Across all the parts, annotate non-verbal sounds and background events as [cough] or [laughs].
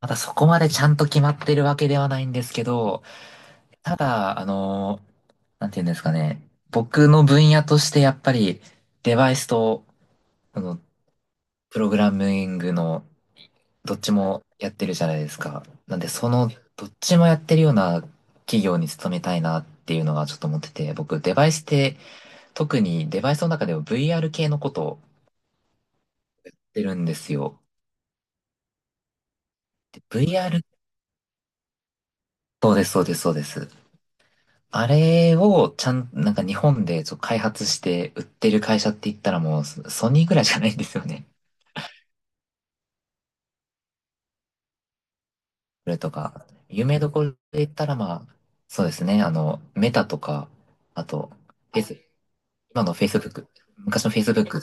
まだそこまでちゃんと決まってるわけではないんですけど、ただ、なんて言うんですかね。僕の分野としてやっぱりデバイスと、あの、プログラミングのどっちもやってるじゃないですか。なんでそのどっちもやってるような企業に勤めたいなっていうのがちょっと思ってて、僕デバイスって特にデバイスの中でも VR 系のことをってるんですよ。で VR、そうです、そうです、そうです。あれをちゃん、なんか日本でそう開発して売ってる会社って言ったらもうソニーぐらいじゃないんですよね。[laughs] それとか、有名どころで言ったらまあ、そうですね、メタとか、あと、フェイス、今の Facebook、昔の Facebook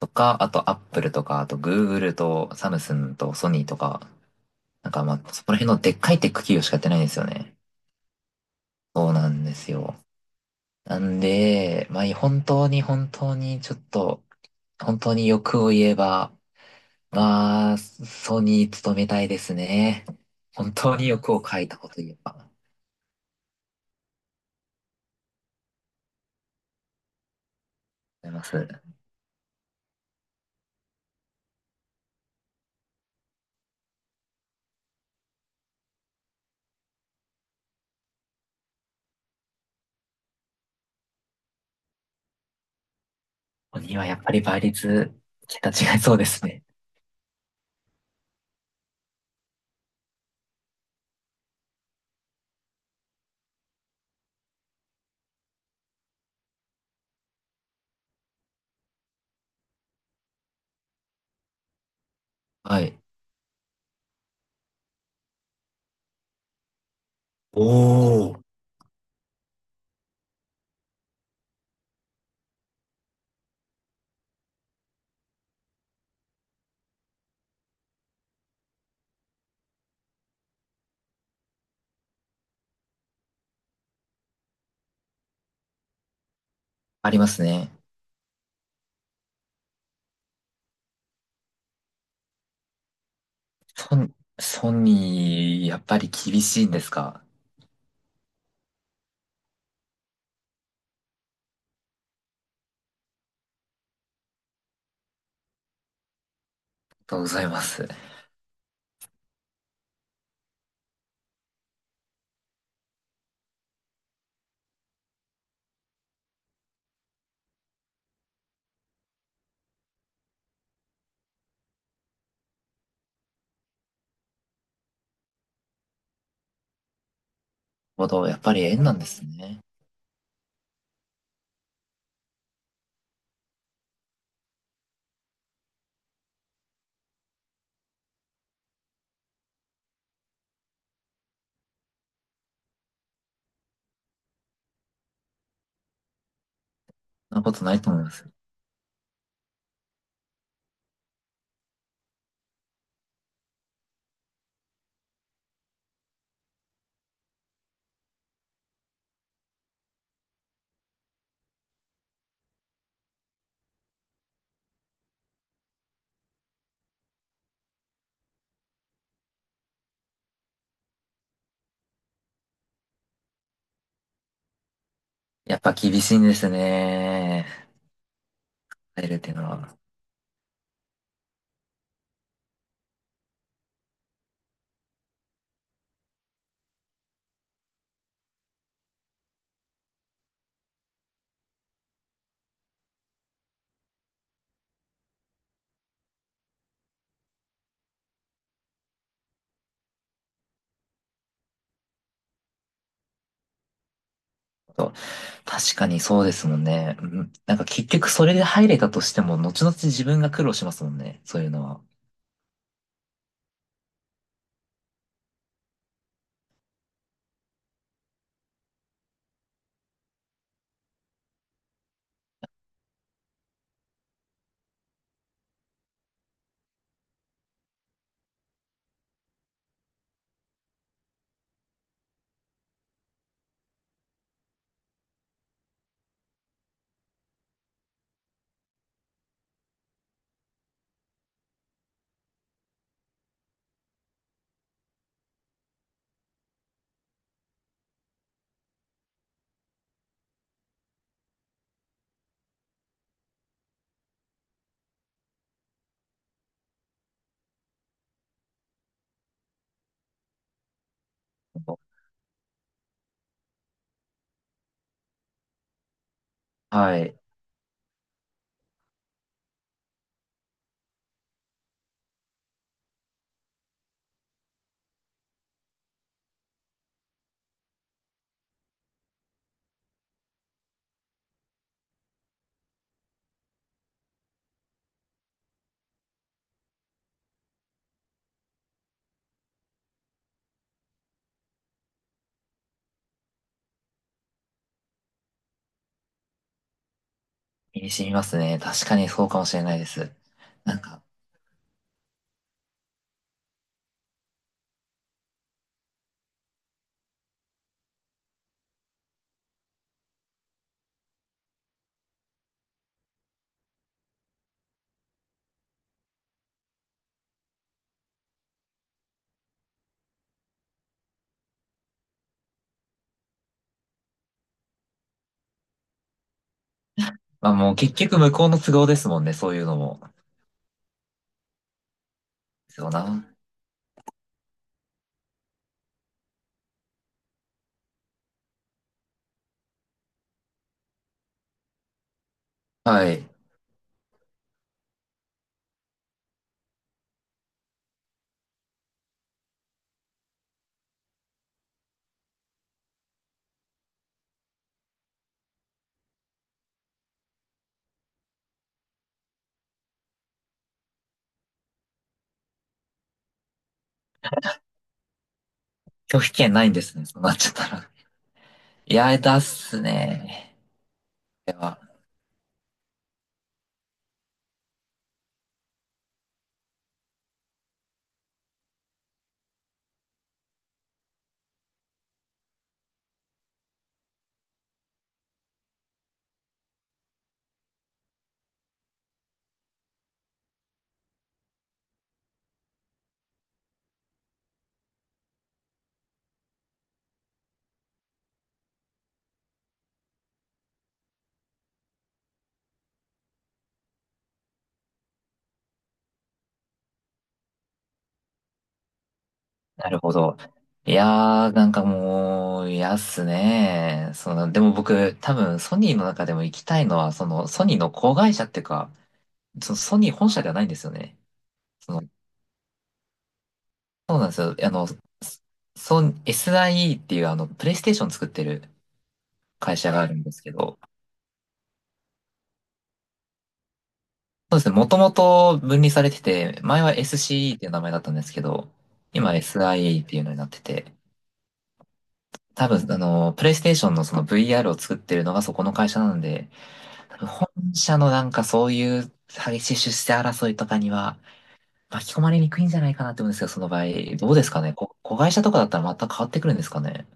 とか、あと Apple とか、あと Google とサムスンとソニーとか、なんかまあ、そこら辺のでっかいテック企業しかやってないんですよね。そうなんですよ。なんで、まあ、本当にちょっと、本当に欲を言えば、ああ、ソニー勤めたいですね。本当に欲を書いたこと言えば。ありがとうございます。ソニーはやっぱり倍率、桁違いそうですね。はい。おー。ありますね。ソニー、やっぱり厳しいんですか？ありがとうございます。なるほど、やっぱり縁なんですね。そんなことないと思います。やっぱ厳しいんですね。入るっていうのは。そう確かにそうですもんね。うん、なんか結局それで入れたとしても、後々自分が苦労しますもんね。そういうのは。はい。身に染みますね。確かにそうかもしれないです。なんか、まあもう結局向こうの都合ですもんね。そういうのも。そうな。はい。拒否権ないんですね。そうなっちゃったら。いや、だっすね。ではなるほど。いやー、なんかもう、嫌っすね。その、でも僕、多分、ソニーの中でも行きたいのは、その、ソニーの子会社っていうか、そのソニー本社ではないんですよね。その、そうなんですよ。あの、ソン SIE っていう、あの、プレイステーション作ってる会社があるんですけど、そうですね、もともと分離されてて、前は SCE っていう名前だったんですけど、今 SIE っていうのになってて、多分、あの、プレイステーションのその VR を作ってるのがそこの会社なんで、多分本社のなんかそういう激しい出世争いとかには巻き込まれにくいんじゃないかなって思うんですけど、その場合。どうですかね、子会社とかだったら全く変わってくるんですかね？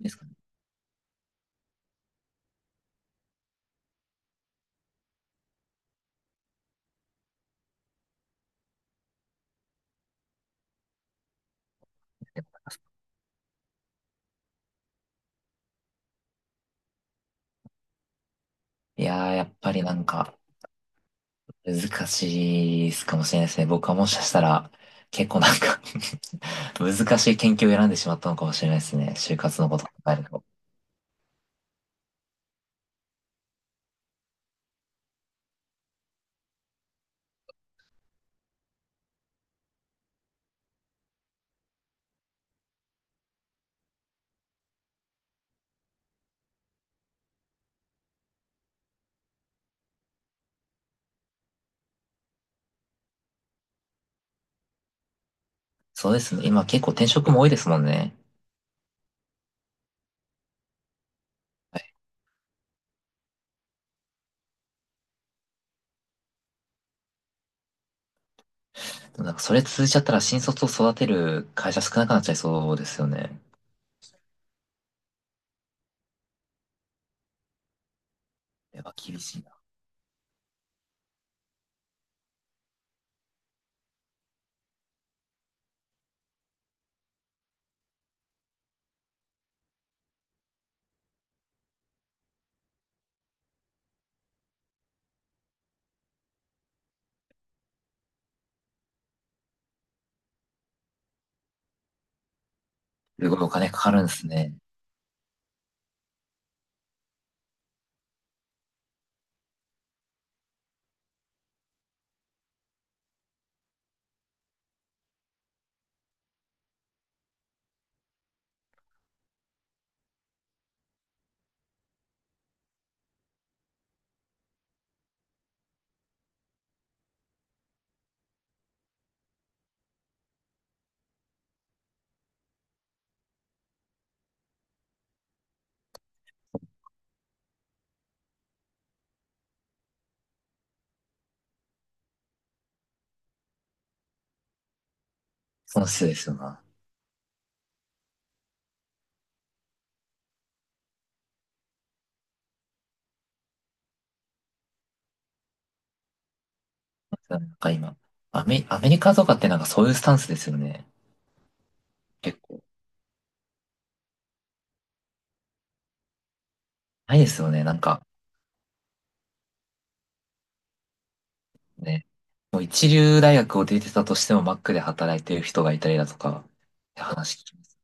ですかね。いやー、やっぱりなんか難しいかもしれないですね。僕はもしかしたら結構なんか [laughs] 難しい研究を選んでしまったのかもしれないですね。就活のことを考えると。そうですね。今結構転職も多いですもんね。はい。でもなんかそれ続いちゃったら新卒を育てる会社少なくなっちゃいそうですよね。やっぱ厳しい。すごいお金かかるんですね。損失ですよな。なんか今、アメリカとかってなんかそういうスタンスですよね。結構。ないですよね。なんかね、もう一流大学を出てたとしてもマックで働いてる人がいたりだとか、って話聞きます。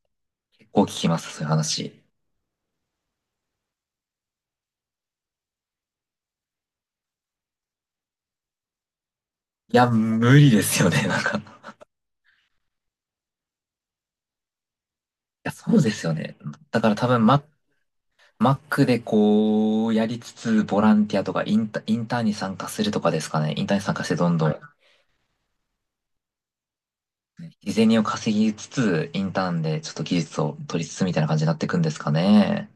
結構聞きます、そういう話。いや、無理ですよね。[laughs] なんか。いや、そうですよね。だから多分マックでこう、やりつつ、ボランティアとかインタ、インターンに参加するとかですかね。インターンに参加してどんどん日銭を稼ぎつつ、インターンでちょっと技術を取りつつみたいな感じになっていくんですかね。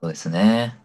そうですね。